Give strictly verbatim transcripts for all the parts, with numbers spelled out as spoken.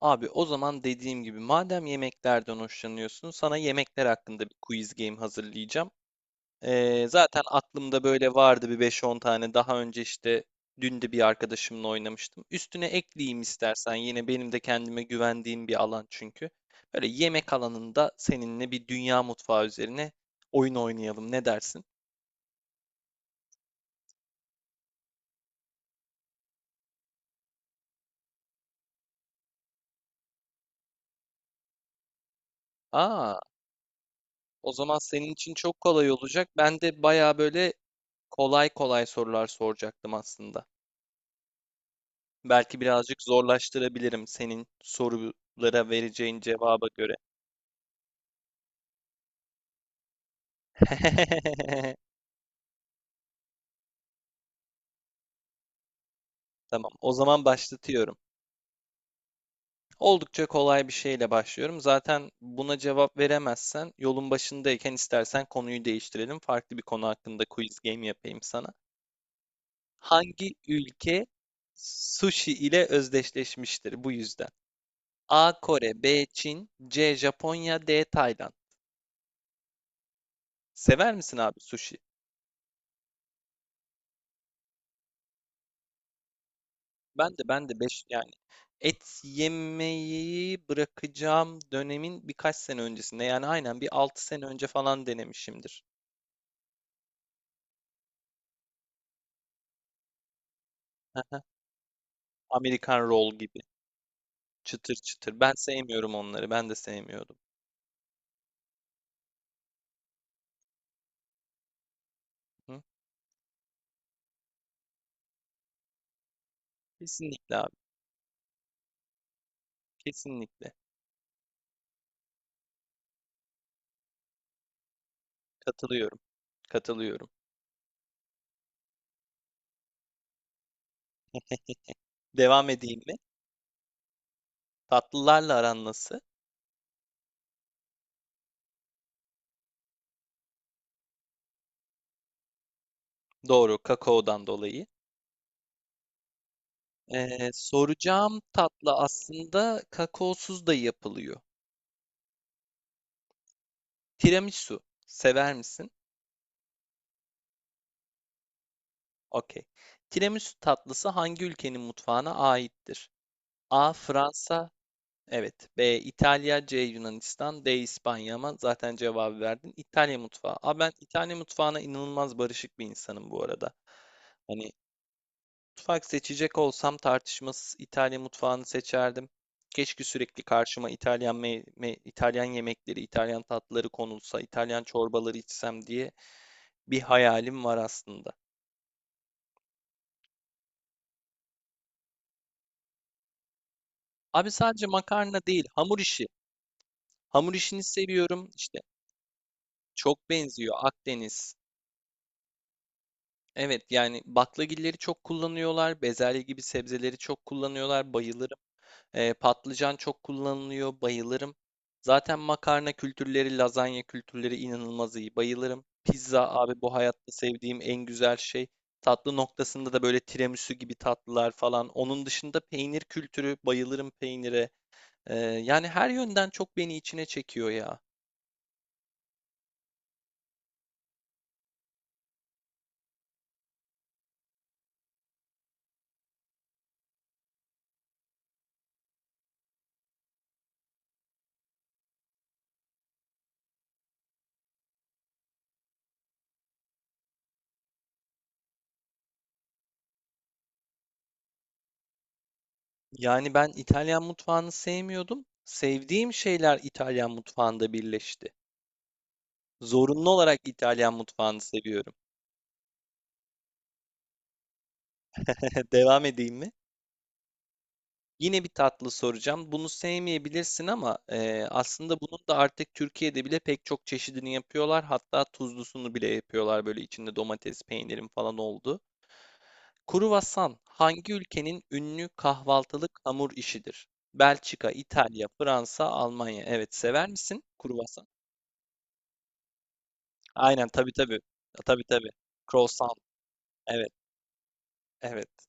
Abi o zaman dediğim gibi madem yemeklerden hoşlanıyorsun sana yemekler hakkında bir quiz game hazırlayacağım. Ee, zaten aklımda böyle vardı bir beş on tane daha önce işte dün de bir arkadaşımla oynamıştım. Üstüne ekleyeyim istersen yine benim de kendime güvendiğim bir alan çünkü. Böyle yemek alanında seninle bir dünya mutfağı üzerine oyun oynayalım ne dersin? Aa, o zaman senin için çok kolay olacak. Ben de baya böyle kolay kolay sorular soracaktım aslında. Belki birazcık zorlaştırabilirim senin sorulara vereceğin cevaba göre. Tamam, o zaman başlatıyorum. Oldukça kolay bir şeyle başlıyorum. Zaten buna cevap veremezsen yolun başındayken istersen konuyu değiştirelim. Farklı bir konu hakkında quiz game yapayım sana. Hangi ülke sushi ile özdeşleşmiştir bu yüzden? A. Kore, B. Çin, C. Japonya, D. Tayland. Sever misin abi sushi? Ben de ben de beş yani et yemeyi bırakacağım dönemin birkaç sene öncesinde yani aynen bir altı sene önce falan denemişimdir. Aha, Amerikan roll gibi çıtır çıtır. Ben sevmiyorum onları. Ben de sevmiyordum. Hı? Kesinlikle abi. Kesinlikle. Katılıyorum. Katılıyorum. Devam edeyim mi? Tatlılarla aran nasıl? Doğru, kakaodan dolayı. Ee, soracağım tatlı aslında kakaosuz da yapılıyor. Tiramisu. Sever misin? Okey. Tiramisu tatlısı hangi ülkenin mutfağına aittir? A. Fransa. Evet. B. İtalya. C. Yunanistan. D. İspanya ama zaten cevabı verdin. İtalya mutfağı. Aa, ben İtalya mutfağına inanılmaz barışık bir insanım bu arada. Hani mutfak seçecek olsam tartışmasız İtalya mutfağını seçerdim. Keşke sürekli karşıma İtalyan me- me- İtalyan yemekleri, İtalyan tatlıları konulsa, İtalyan çorbaları içsem diye bir hayalim var aslında. Abi sadece makarna değil, hamur işi. Hamur işini seviyorum. İşte çok benziyor Akdeniz. Evet yani baklagilleri çok kullanıyorlar. Bezelye gibi sebzeleri çok kullanıyorlar. Bayılırım. Ee, patlıcan çok kullanılıyor. Bayılırım. Zaten makarna kültürleri, lazanya kültürleri inanılmaz iyi. Bayılırım. Pizza abi bu hayatta sevdiğim en güzel şey. Tatlı noktasında da böyle tiramisu gibi tatlılar falan. Onun dışında peynir kültürü. Bayılırım peynire. Ee, yani her yönden çok beni içine çekiyor ya. Yani ben İtalyan mutfağını sevmiyordum. Sevdiğim şeyler İtalyan mutfağında birleşti. Zorunlu olarak İtalyan mutfağını seviyorum. Devam edeyim mi? Yine bir tatlı soracağım. Bunu sevmeyebilirsin ama e, aslında bunun da artık Türkiye'de bile pek çok çeşidini yapıyorlar. Hatta tuzlusunu bile yapıyorlar böyle içinde domates, peynirin falan oldu. Kruvasan hangi ülkenin ünlü kahvaltılık hamur işidir? Belçika, İtalya, Fransa, Almanya. Evet, sever misin kruvasan? Aynen tabii tabii. E, Tabii tabii. Croissant. Evet. Evet.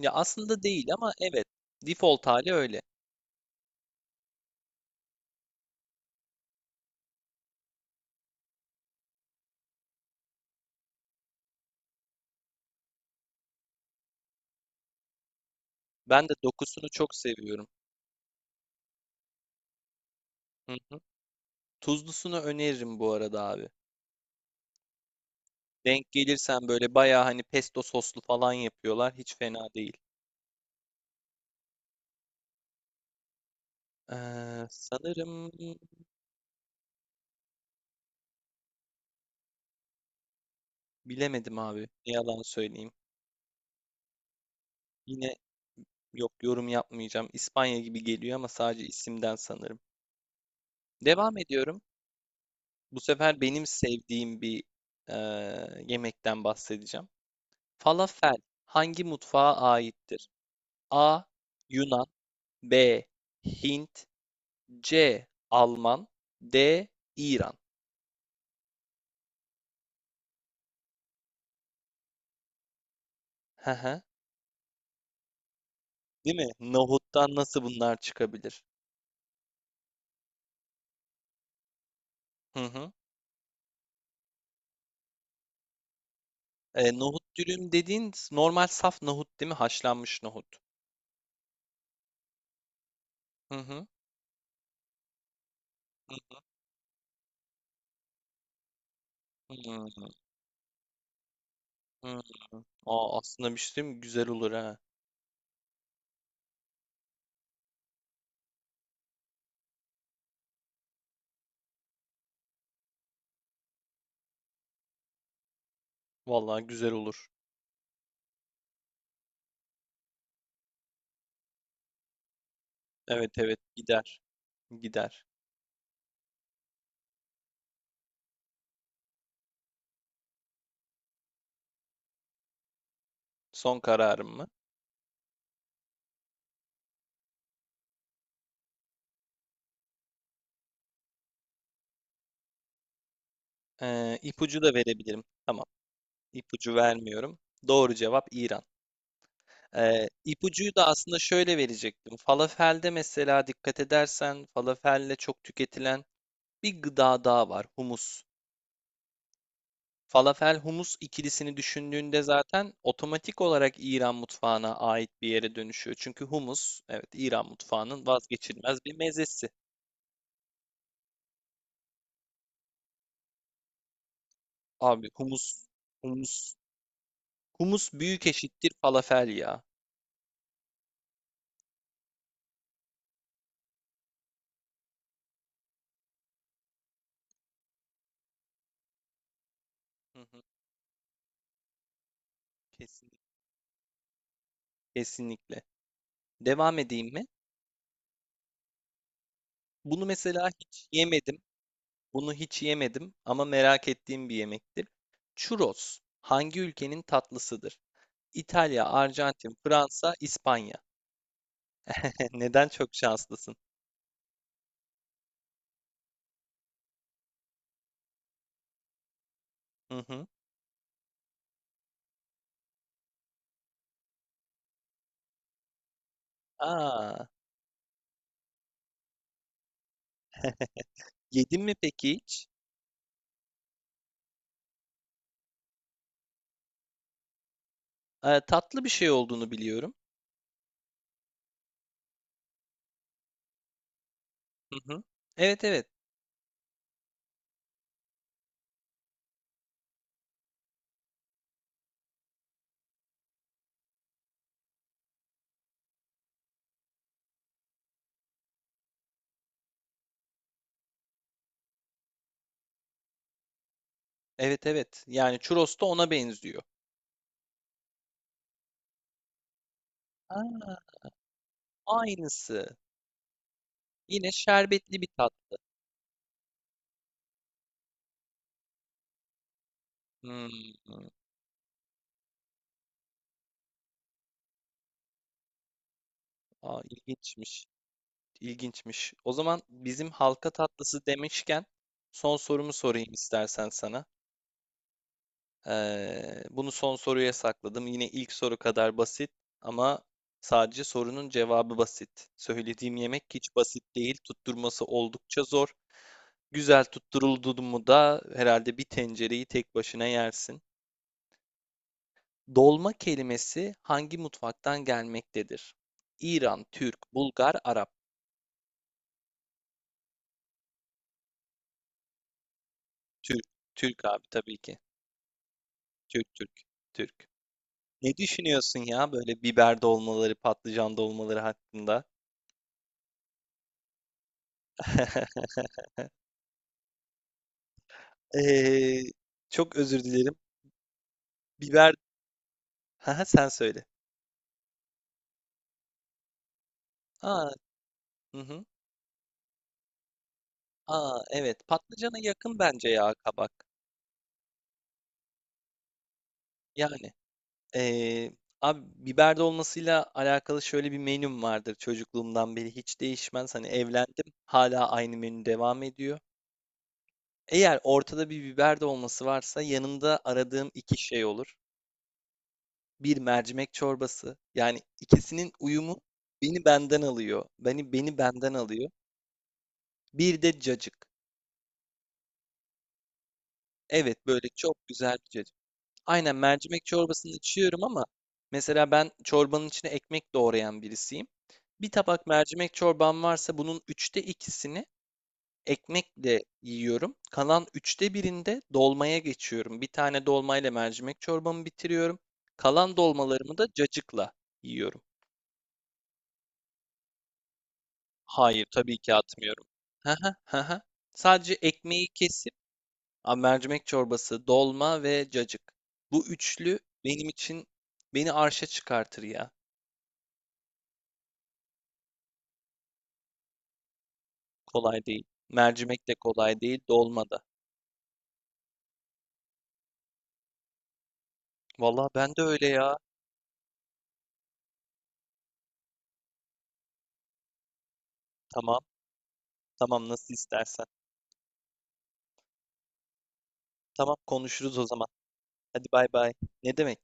Ya aslında değil ama evet. Default hali öyle. Ben de dokusunu çok seviyorum. Hı hı. Tuzlusunu öneririm bu arada abi. Denk gelirsen böyle bayağı hani pesto soslu falan yapıyorlar. Hiç fena değil. Ee, sanırım bilemedim abi. Ne yalan söyleyeyim. Yine yok yorum yapmayacağım. İspanya gibi geliyor ama sadece isimden sanırım. Devam ediyorum. Bu sefer benim sevdiğim bir eee, yemekten bahsedeceğim. Falafel hangi mutfağa aittir? A. Yunan, B. Hint, C. Alman, D. İran. Hı hı. Değil mi? Nohuttan nasıl bunlar çıkabilir? Hı hı. E, nohut dürüm dediğin normal saf nohut değil mi? Haşlanmış nohut. Hı hı. Hı hı. Hı hı. Aa, aslında bir şey diyeyim mi? Güzel olur ha. Vallahi güzel olur. Evet evet gider. Gider. Son kararım mı? Ee, ipucu da verebilirim. Tamam. İpucu vermiyorum. Doğru cevap İran. Ee, ipucuyu da aslında şöyle verecektim. Falafelde mesela dikkat edersen falafelle çok tüketilen bir gıda daha var. Humus. Falafel humus ikilisini düşündüğünde zaten otomatik olarak İran mutfağına ait bir yere dönüşüyor. Çünkü humus evet İran mutfağının vazgeçilmez bir mezesi. Abi humus humus humus büyük eşittir falafel ya. Hı hı, kesinlikle. Kesinlikle. Devam edeyim mi? Bunu mesela hiç yemedim. Bunu hiç yemedim ama merak ettiğim bir yemektir. Churros hangi ülkenin tatlısıdır? İtalya, Arjantin, Fransa, İspanya. Neden çok şanslısın? Hı hı. Aa, yedin mi peki hiç? Ee, tatlı bir şey olduğunu biliyorum. Hı hı. Evet evet. Evet evet. Yani churros da ona benziyor. Aa, aynısı. Yine şerbetli bir tat. Hmm. Aa, ilginçmiş. İlginçmiş. O zaman bizim halka tatlısı demişken son sorumu sorayım istersen sana. Ee, bunu son soruya sakladım. Yine ilk soru kadar basit ama sadece sorunun cevabı basit. Söylediğim yemek hiç basit değil. Tutturması oldukça zor. Güzel tutturuldu mu da herhalde bir tencereyi tek başına yersin. Dolma kelimesi hangi mutfaktan gelmektedir? İran, Türk, Bulgar, Arap. Türk, Türk abi tabii ki. Türk, Türk, Türk. Ne düşünüyorsun ya böyle biber dolmaları, patlıcan dolmaları hakkında? Ee, Çok özür dilerim. Biber, Haha, sen söyle. Aa, hı hı. Aa, evet. Patlıcana yakın bence ya kabak. Yani ee, abi biber dolmasıyla alakalı şöyle bir menüm vardır çocukluğumdan beri hiç değişmez. Hani evlendim, hala aynı menü devam ediyor. Eğer ortada bir biber dolması varsa yanında aradığım iki şey olur. Bir mercimek çorbası. Yani ikisinin uyumu beni benden alıyor. Beni beni benden alıyor. Bir de cacık. Evet böyle çok güzel bir cacık. Aynen mercimek çorbasını içiyorum ama mesela ben çorbanın içine ekmek doğrayan birisiyim. Bir tabak mercimek çorbam varsa bunun üçte ikisini ekmekle yiyorum. Kalan üçte birinde dolmaya geçiyorum. Bir tane dolmayla mercimek çorbamı bitiriyorum. Kalan dolmalarımı da cacıkla yiyorum. Hayır, tabii ki atmıyorum. Hı hı, hı hı. Sadece ekmeği kesip a, mercimek çorbası, dolma ve cacık. Bu üçlü benim için beni arşa çıkartır ya. Kolay değil. Mercimek de kolay değil, dolma da. Vallahi ben de öyle ya. Tamam, tamam nasıl istersen. Tamam konuşuruz o zaman. Hadi bay bay. Ne demek?